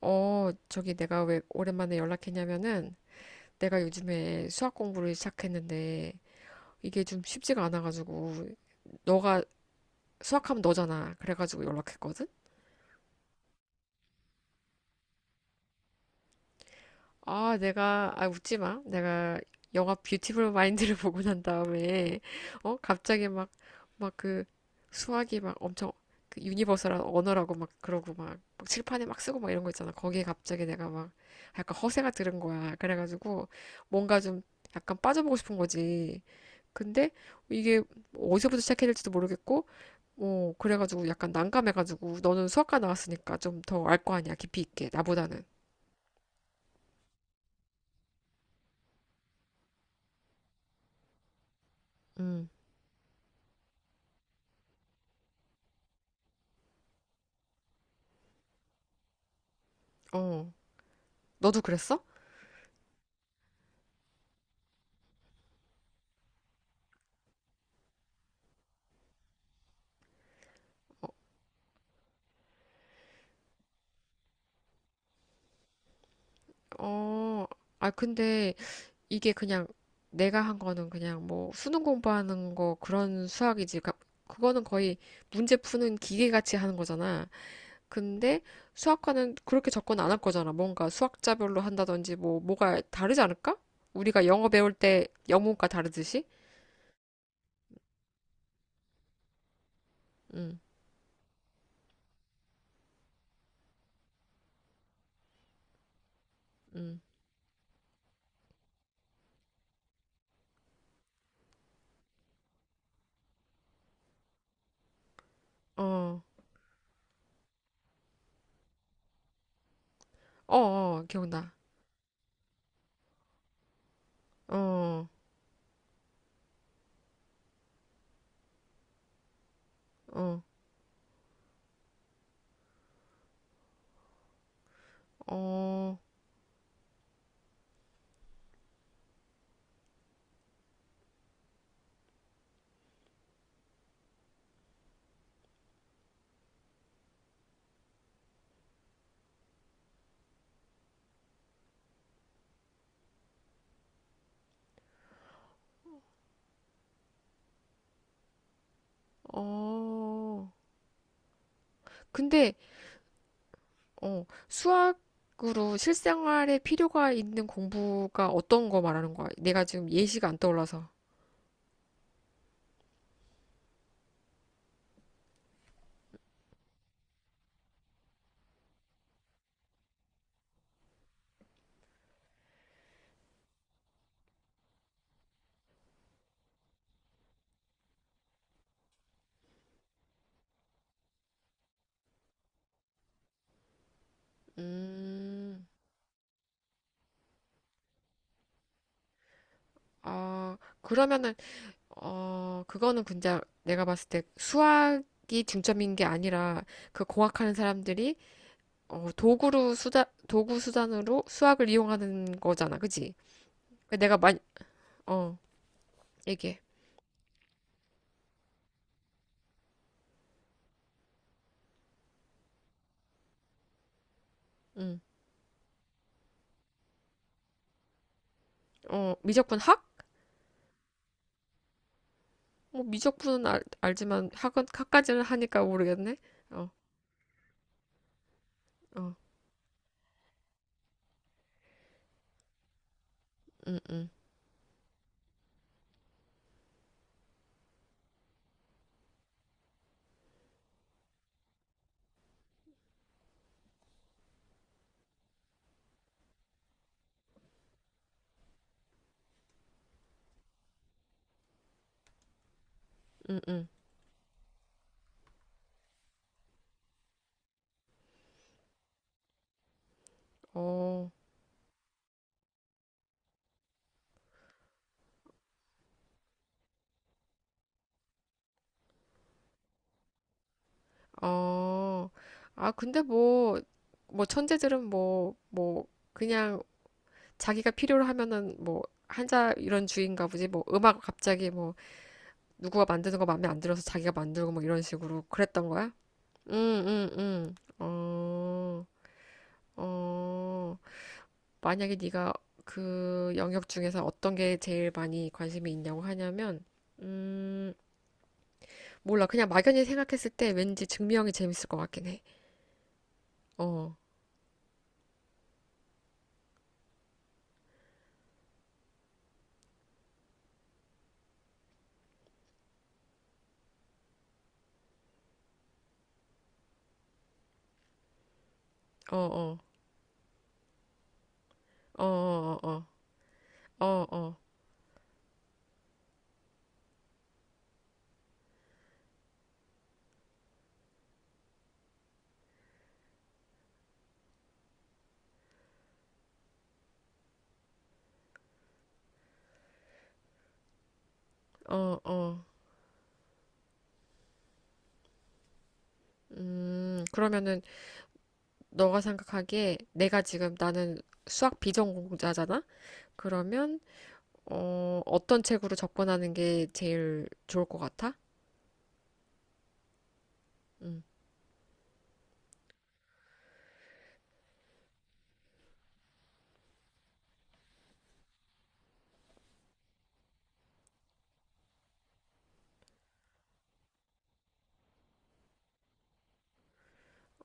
어, 저기 내가 왜 오랜만에 연락했냐면은 내가 요즘에 수학 공부를 시작했는데 이게 좀 쉽지가 않아가지고 너가 수학하면 너잖아. 그래가지고 연락했거든? 아, 아, 웃지 마. 내가 영화 뷰티풀 마인드를 보고 난 다음에, 어? 갑자기 막 그 수학이 막 엄청 그 유니버설한 언어라고 막 그러고 막 칠판에 막 쓰고 막 이런 거 있잖아. 거기에 갑자기 내가 막 약간 허세가 들은 거야. 그래가지고 뭔가 좀 약간 빠져보고 싶은 거지. 근데 이게 어디서부터 시작해야 될지도 모르겠고, 어, 그래가지고 약간 난감해가지고 너는 수학과 나왔으니까 좀 더 알 거 아니야. 깊이 있게. 나보다는. 음, 어. 너도 그랬어? 어, 어, 아, 근데 이게 그냥 내가 한 거는 그냥 뭐 수능 공부하는 거 그런 수학이지. 그거는 거의 문제 푸는 기계같이 하는 거잖아. 근데 수학과는 그렇게 접근 안 할 거잖아. 뭔가 수학자별로 한다든지 뭐 뭐가 다르지 않을까? 우리가 영어 배울 때 영문과 다르듯이? 응, 응. 어, 어, 어, 기억나. 어, 어, 어, 어. 근데 어, 수학으로 실생활에 필요가 있는 공부가 어떤 거 말하는 거야? 내가 지금 예시가 안 떠올라서. 음, 아, 그러면은, 어, 그거는 근데 내가 봤을 때 수학이 중점인 게 아니라 그 공학하는 사람들이 어, 도구 수단으로 수학을 이용하는 거잖아. 그지? 그러니까 내가 많이, 어, 얘기해. 음, 어, 미적분 학? 뭐 미적분은 알지만 학까지는 하니까 모르겠네. 어, 어, 음, 음. 응응. 어, 어. 아, 근데 뭐, 뭐, 천재들은 뭐, 뭐, 그냥 자기가 필요로 하면은 뭐, 한자 이런 주의인가 보지. 뭐, 음악 갑자기 뭐, 누구가 만드는 거 마음에 안 들어서 자기가 만들고 뭐 이런 식으로 그랬던 거야? 응, 응, 응. 어, 어. 만약에 네가 그 영역 중에서 어떤 게 제일 많이 관심이 있냐고 하냐면, 음, 몰라. 그냥 막연히 생각했을 때 왠지 증명이 재밌을 것 같긴 해. 어. 어, 어, 어, 어, 어, 어, 어, 어, 어. 그러면은 너가 생각하기에 내가 지금 나는 수학 비전공자잖아? 그러면 어, 어떤 책으로 접근하는 게 제일 좋을 것 같아? 음,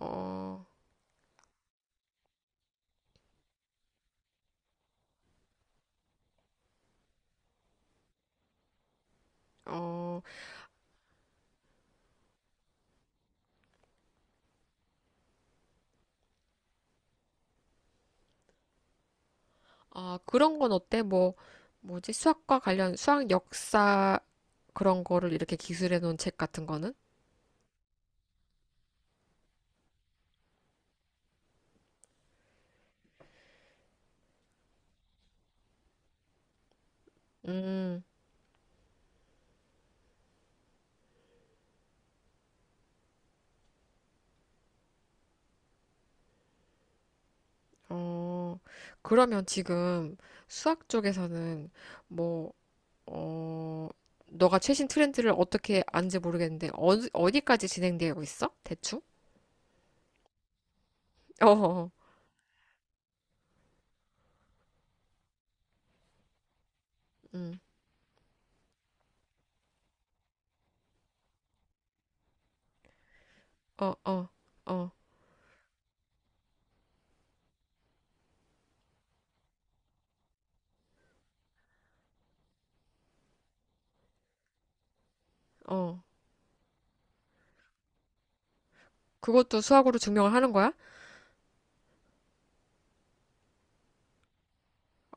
어, 어, 아, 그런 건 어때? 뭐, 뭐지? 수학과 관련 수학 역사 그런 거를 이렇게 기술해 놓은 책 같은 거는? 음, 어, 그러면 지금 수학 쪽에서는 뭐 어, 너가 최신 트렌드를 어떻게 아는지 모르겠는데, 어, 어디까지 진행되고 있어? 대충? 어, 어, 음, 어, 어, 어, 어. 그것도 수학으로 증명을 하는 거야?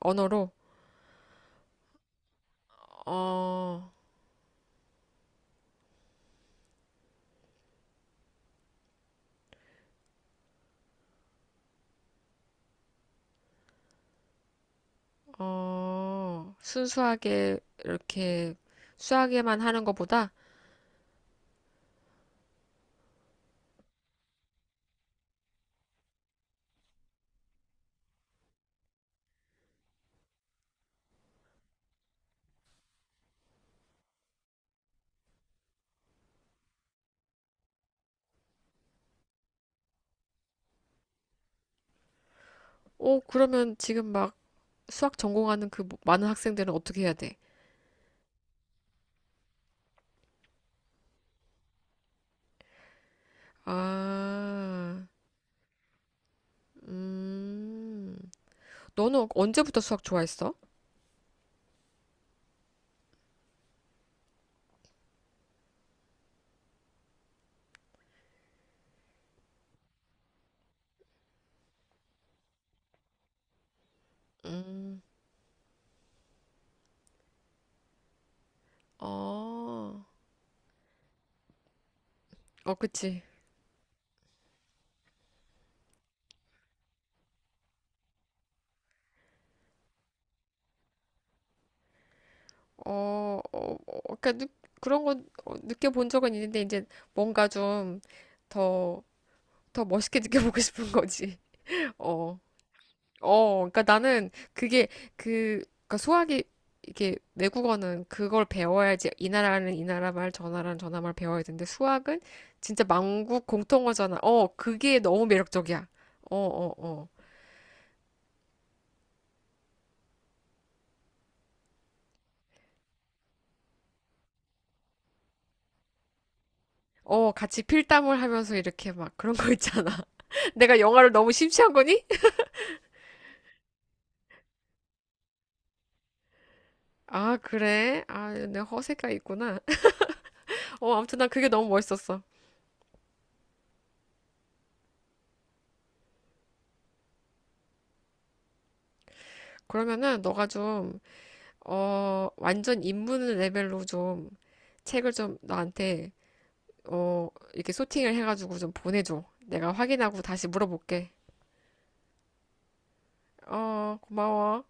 언어로? 어, 어, 순수하게 이렇게 수학에만 하는 것보다, 어, 그러면 지금 막 수학 전공하는 그 뭐 많은 학생들은 어떻게 해야 돼? 아, 음, 너는 언제부터 수학 좋아했어? 음, 어. 어, 그치. 어, 어, 어, 그러니까 그런 건 어, 느껴본 적은 있는데 이제 뭔가 좀 더, 더 멋있게 느껴보고 싶은 거지. 어, 어, 그러니까 나는 그게 그, 그러니까 수학이 이게 외국어는 그걸 배워야지 이 나라는 이 나라 말, 저 나라는 저 나라 말 배워야 되는데 수학은 진짜 만국 공통어잖아. 어, 그게 너무 매력적이야. 어, 어, 어. 어, 같이 필담을 하면서 이렇게 막 그런 거 있잖아. 내가 영화를 너무 심취한 거니? 아, 그래? 아, 내 허세가 있구나. 어, 아무튼 난 그게 너무 멋있었어. 그러면은 너가 좀, 어, 완전 입문 레벨로 좀 책을 좀 나한테, 어, 이렇게 소팅을 해가지고 좀 보내줘. 내가 확인하고 다시 물어볼게. 어, 고마워.